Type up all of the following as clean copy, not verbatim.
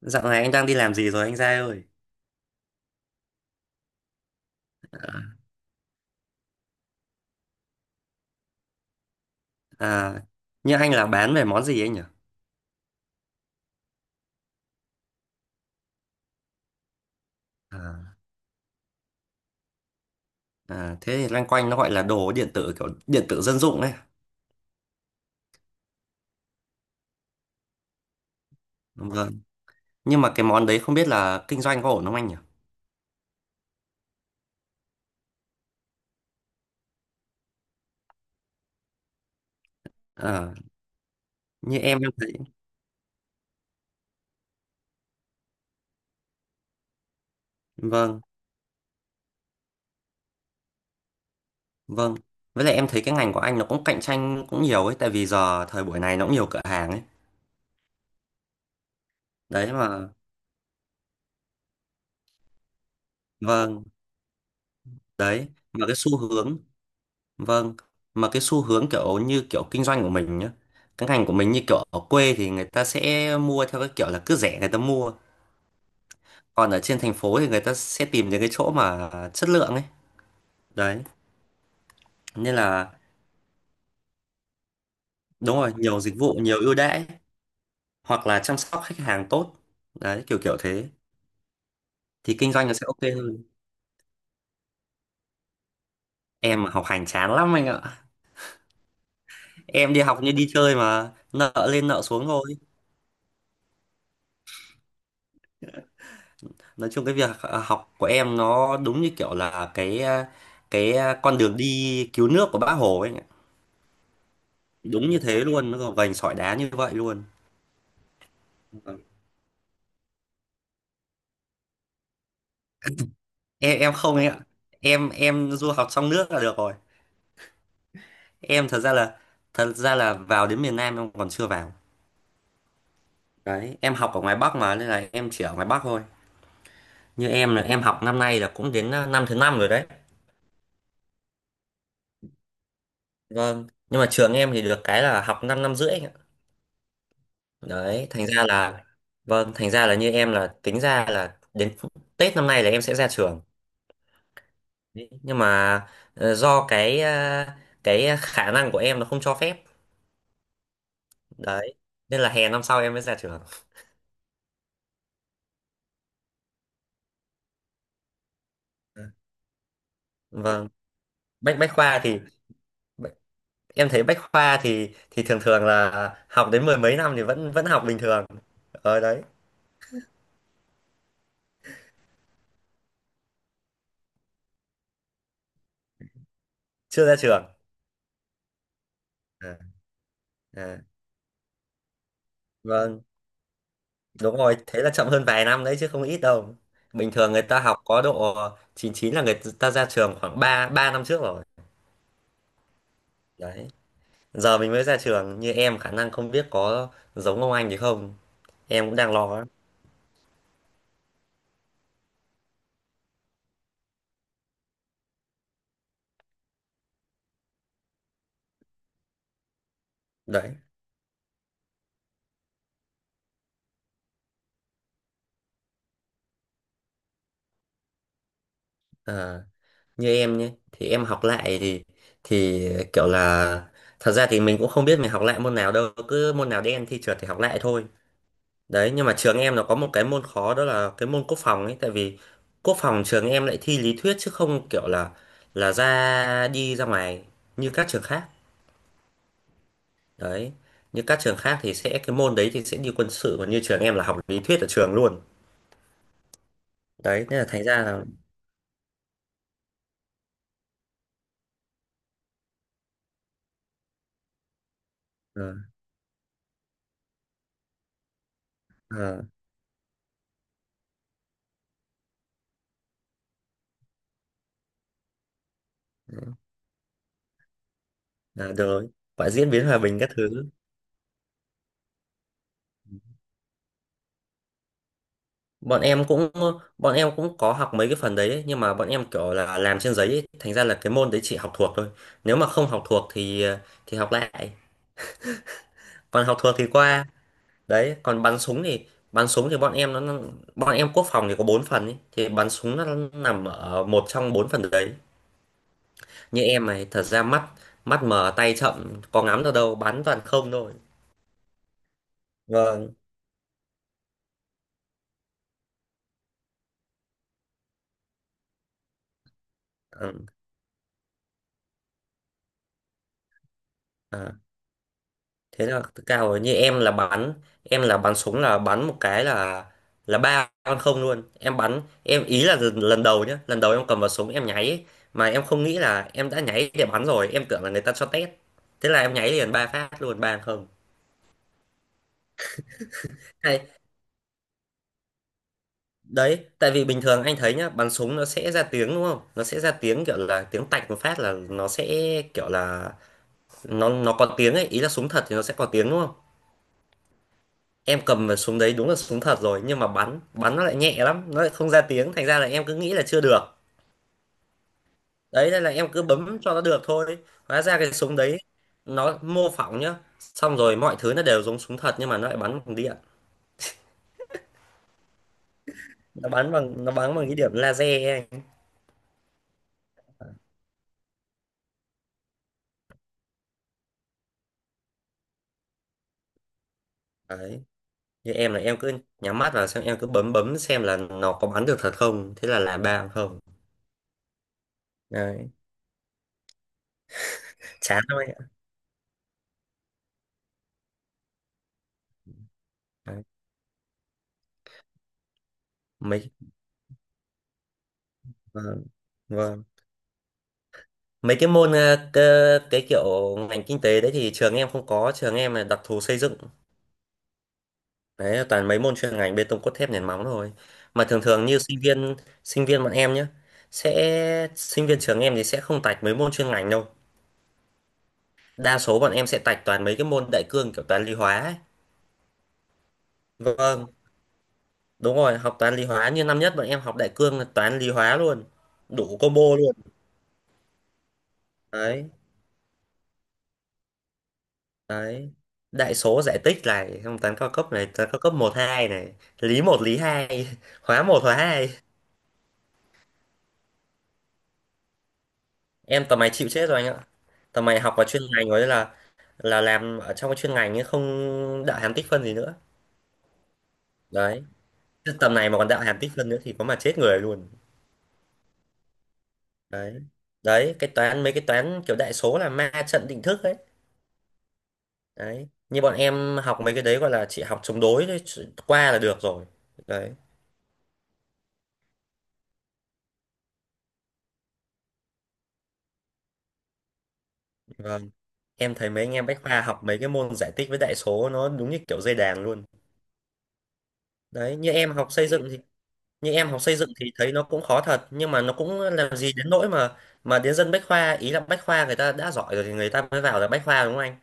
Dạo này anh đang đi làm gì rồi anh Giai ơi? À, như anh là bán về món gì anh nhỉ? À, à, thế thì loanh quanh nó gọi là đồ điện tử kiểu điện tử dân dụng ấy. Đúng rồi. Nhưng mà cái món đấy không biết là kinh doanh có ổn không anh nhỉ? À, như em thấy, vâng, vâng. Với lại em thấy cái ngành của anh nó cũng cạnh tranh cũng nhiều ấy, tại vì giờ thời buổi này nó cũng nhiều cửa hàng ấy. Đấy mà, vâng, đấy. Mà cái xu hướng Vâng, mà cái xu hướng kiểu như kiểu kinh doanh của mình nhá, cái ngành của mình như kiểu ở quê thì người ta sẽ mua theo cái kiểu là cứ rẻ người ta mua, còn ở trên thành phố thì người ta sẽ tìm những cái chỗ mà chất lượng ấy. Đấy, nên là đúng rồi, nhiều dịch vụ, nhiều ưu đãi hoặc là chăm sóc khách hàng tốt. Đấy, kiểu kiểu thế thì kinh doanh nó sẽ ok hơn. Em mà học hành chán lắm anh ạ. Em đi học như đi chơi mà nợ lên nợ xuống thôi. Nói chung cái việc học của em nó đúng như kiểu là cái con đường đi cứu nước của Bác Hồ ấy anh ạ. Đúng như thế luôn, nó gồng gành sỏi đá như vậy luôn. Em không ấy ạ. Em du học trong nước là được rồi. em thật ra là Thật ra là vào đến miền Nam em còn chưa vào. Đấy em học ở ngoài Bắc mà nên là em chỉ ở ngoài Bắc thôi. Như em là em học năm nay là cũng đến năm thứ năm rồi đấy. Vâng, nhưng mà trường em thì được cái là học 5 năm năm rưỡi đấy, thành ra là vâng, thành ra là như em là tính ra là đến Tết năm nay là em sẽ ra trường. Đấy, nhưng mà do cái khả năng của em nó không cho phép. Đấy nên là hè năm sau em mới ra trường. Vâng. Bách bách khoa thì bách- em thấy bách khoa thì thường thường là học đến mười mấy năm thì vẫn vẫn học bình thường ở đấy, chưa ra trường à, à. Vâng. Đúng rồi, thế là chậm hơn vài năm đấy chứ không ít đâu. Bình thường người ta học có độ 99 là người ta ra trường khoảng 3 3 năm trước rồi. Đấy. Giờ mình mới ra trường như em khả năng không biết có giống ông anh thì không. Em cũng đang lo lắm. Đấy. À, như em nhé, thì em học lại thì kiểu là, thật ra thì mình cũng không biết mình học lại môn nào đâu, cứ môn nào đen thi trượt thì học lại thôi. Đấy, nhưng mà trường em nó có một cái môn khó, đó là cái môn quốc phòng ấy, tại vì quốc phòng trường em lại thi lý thuyết chứ không kiểu là ra đi ra ngoài như các trường khác. Đấy, như các trường khác thì sẽ cái môn đấy thì sẽ đi quân sự, còn như trường em là học lý thuyết ở trường luôn. Đấy, nên là thành ra là ờ, ờ, ờ, được rồi, phải diễn biến hòa bình các thứ. Bọn em cũng bọn em cũng có học mấy cái phần đấy ấy, nhưng mà bọn em kiểu là làm trên giấy ấy, thành ra là cái môn đấy chỉ học thuộc thôi. Nếu mà không học thuộc thì thì học lại. Còn học thuộc thì qua. Đấy còn bắn súng thì, bắn súng thì bọn em nó bọn em quốc phòng thì có 4 phần ý. Thì bắn súng nó nằm ở một trong 4 phần đấy. Như em này thật ra mắt mắt mờ tay chậm, có ngắm được đâu, bắn toàn không thôi. Vâng. Ừ. À. Thế là cao rồi, như em là bắn một cái là ba con không luôn, em bắn em ý là lần lần đầu nhá, lần đầu em cầm vào súng em nháy ấy. Mà em không nghĩ là em đã nháy để bắn rồi, em tưởng là người ta cho test, thế là em nháy liền 3 phát luôn, ba không. Hay đấy, tại vì bình thường anh thấy nhá, bắn súng nó sẽ ra tiếng đúng không, nó sẽ ra tiếng kiểu là tiếng tạch một phát là nó sẽ kiểu là nó có tiếng ấy, ý là súng thật thì nó sẽ có tiếng đúng không. Em cầm vào súng đấy đúng là súng thật rồi, nhưng mà bắn bắn nó lại nhẹ lắm, nó lại không ra tiếng, thành ra là em cứ nghĩ là chưa được, đấy nên là em cứ bấm cho nó được thôi. Hóa ra cái súng đấy nó mô phỏng nhá, xong rồi mọi thứ nó đều giống súng thật nhưng mà nó lại bắn bằng điện, nó bắn bằng cái điểm laser ấy anh. Đấy, như em là em cứ nhắm mắt vào xem, em cứ bấm bấm xem là nó có bắn được thật không, thế là ba không. Đấy, chán thôi ạ. Đấy. Mấy, vâng, vâng, mấy cái môn cái kiểu ngành kinh tế đấy thì trường em không có, trường em là đặc thù xây dựng, đấy là toàn mấy môn chuyên ngành bê tông cốt thép nền móng thôi, mà thường thường như sinh viên, sinh viên bọn em nhé sẽ sinh viên trường em thì sẽ không tạch mấy môn chuyên ngành đâu, đa số bọn em sẽ tạch toàn mấy cái môn đại cương kiểu toán lý hóa ấy. Vâng, đúng rồi, học toán lý hóa, như năm nhất bọn em học đại cương là toán lý hóa luôn, đủ combo luôn. Đấy, đấy, đại số giải tích này, xong toán cao cấp này, toán cao cấp một hai này, lý một lý hai hóa một hóa hai. Em tầm này chịu chết rồi anh ạ, tầm này học vào chuyên ngành rồi là làm ở trong cái chuyên ngành ấy, không đạo hàm tích phân gì nữa đấy. Chứ tầm này mà còn đạo hàm tích phân nữa thì có mà chết người luôn. Đấy, đấy cái toán, mấy cái toán kiểu đại số là ma trận định thức ấy. Đấy, như bọn em học mấy cái đấy gọi là chỉ học chống đối thôi, qua là được rồi đấy. Vâng. Em thấy mấy anh em bách khoa học mấy cái môn giải tích với đại số nó đúng như kiểu dây đàn luôn đấy, như em học xây dựng thì thấy nó cũng khó thật nhưng mà nó cũng làm gì đến nỗi mà đến dân bách khoa, ý là bách khoa người ta đã giỏi rồi thì người ta mới vào là bách khoa đúng không anh,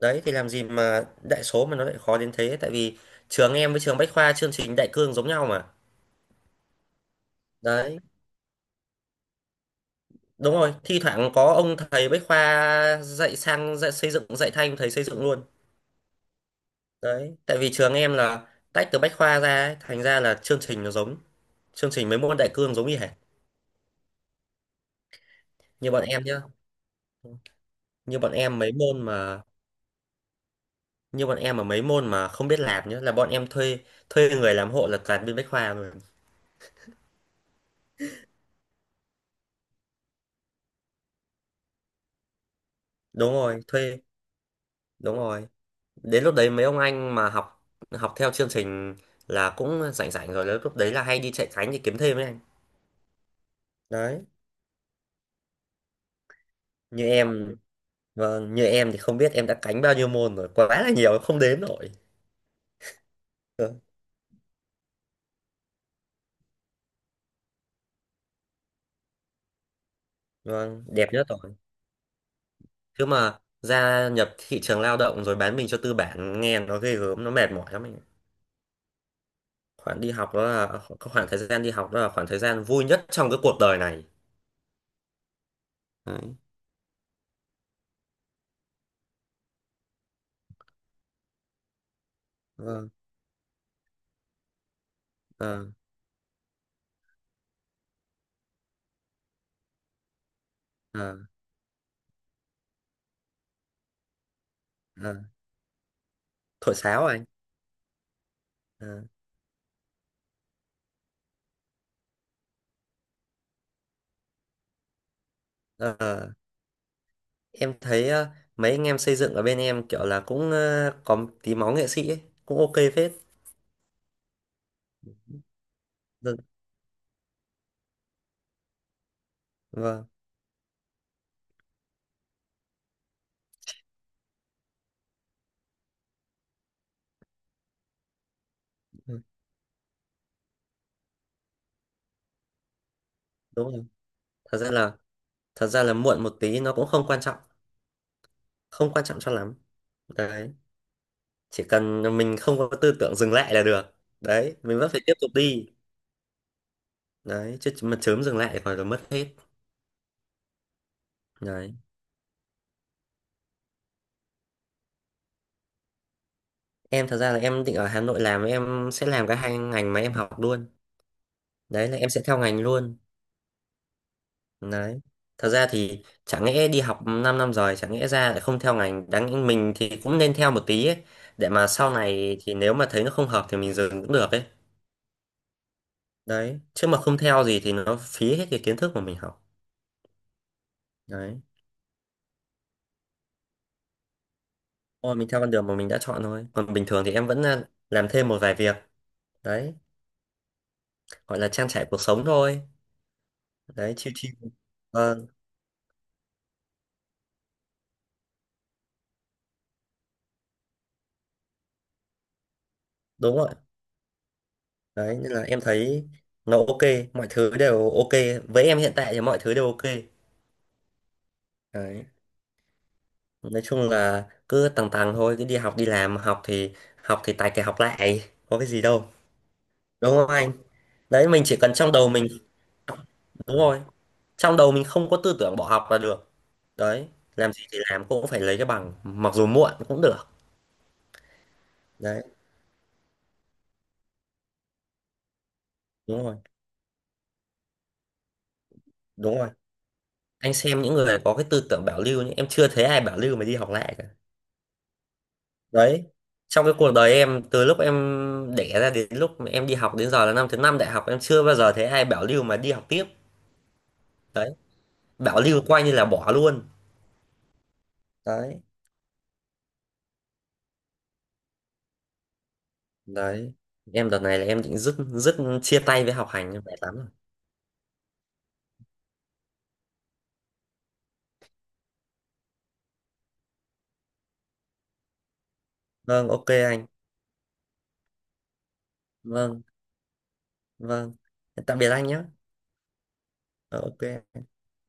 đấy thì làm gì mà đại số mà nó lại khó đến thế, tại vì trường em với trường bách khoa chương trình đại cương giống nhau mà. Đấy, đúng rồi, thi thoảng có ông thầy bách khoa dạy sang dạy xây dựng, dạy thanh thầy xây dựng luôn. Đấy, tại vì trường em là tách từ bách khoa ra ấy, thành ra là chương trình nó giống, chương trình mấy môn đại cương giống như hệt. Như bọn em nhá, như bọn em mấy môn mà như bọn em mà mấy môn mà không biết làm nhá là bọn em thuê thuê người làm hộ là toàn bên bách khoa rồi. Đúng rồi, đúng rồi, đến lúc đấy mấy ông anh mà học học theo chương trình là cũng rảnh rảnh rồi, lúc đấy là hay đi chạy cánh để kiếm thêm ấy anh. Đấy, như em, vâng, như em thì không biết em đã cánh bao nhiêu môn rồi, quá là nhiều không đếm nổi. Vâng, vâng, đẹp nhất rồi. Chứ mà gia nhập thị trường lao động rồi bán mình cho tư bản nghe nó ghê gớm, nó mệt mỏi lắm ấy. Khoảng đi học đó là cái khoảng thời gian đi học đó là khoảng thời gian vui nhất trong cái cuộc đời này đấy. Vâng. ờ ờ ờ Thổi sáo à anh? ờ ờ. Ờ. Em thấy, mấy anh em xây dựng ở bên em kiểu là cũng có tí máu nghệ sĩ ấy, cũng ok phết. Vâng. Vâng. Ừ, đúng rồi. Thật ra là muộn một tí nó cũng không quan trọng, không quan trọng cho lắm đấy. Chỉ cần mình không có tư tưởng dừng lại là được, đấy mình vẫn phải tiếp tục đi, đấy chứ mà chớm dừng lại còn là mất hết. Đấy, em thật ra là em định ở Hà Nội làm, em sẽ làm cả hai ngành mà em học luôn, đấy là em sẽ theo ngành luôn. Đấy, thật ra thì chẳng lẽ đi học 5 năm rồi chẳng lẽ ra lại không theo ngành, đáng lẽ mình thì cũng nên theo một tí ấy, để mà sau này thì nếu mà thấy nó không hợp thì mình dừng cũng được ấy. Đấy chứ mà không theo gì thì nó phí hết cái kiến thức mà mình học. Đấy, thôi mình theo con đường mà mình đã chọn thôi. Còn bình thường thì em vẫn làm thêm một vài việc. Đấy, gọi là trang trải cuộc sống thôi. Đấy, chill chill. Ờ, đúng rồi. Đấy, nên là em thấy nó ok. Mọi thứ đều ok. Với em hiện tại thì mọi thứ đều ok. Đấy, nói chung là cứ tầng tầng thôi, cứ đi học, đi làm. Học thì tài kẻ học lại, có cái gì đâu. Đúng không anh? Đấy, mình chỉ cần trong đầu mình. Đúng rồi. Trong đầu mình không có tư tưởng bỏ học là được. Đấy, làm gì thì làm cũng phải lấy cái bằng, mặc dù muộn cũng được. Đấy. Đúng rồi, đúng rồi, anh xem những người có cái tư tưởng bảo lưu nhé, em chưa thấy ai bảo lưu mà đi học lại cả đấy. Trong cái cuộc đời em từ lúc em đẻ ra đến lúc mà em đi học đến giờ là năm thứ năm đại học, em chưa bao giờ thấy ai bảo lưu mà đi học tiếp, đấy bảo lưu coi như là bỏ luôn đấy. Đấy, em đợt này là em định dứt dứt chia tay với học hành, em mệt lắm rồi. Vâng, ok anh. Vâng, vâng, tạm biệt anh nhé. Ờ, ok.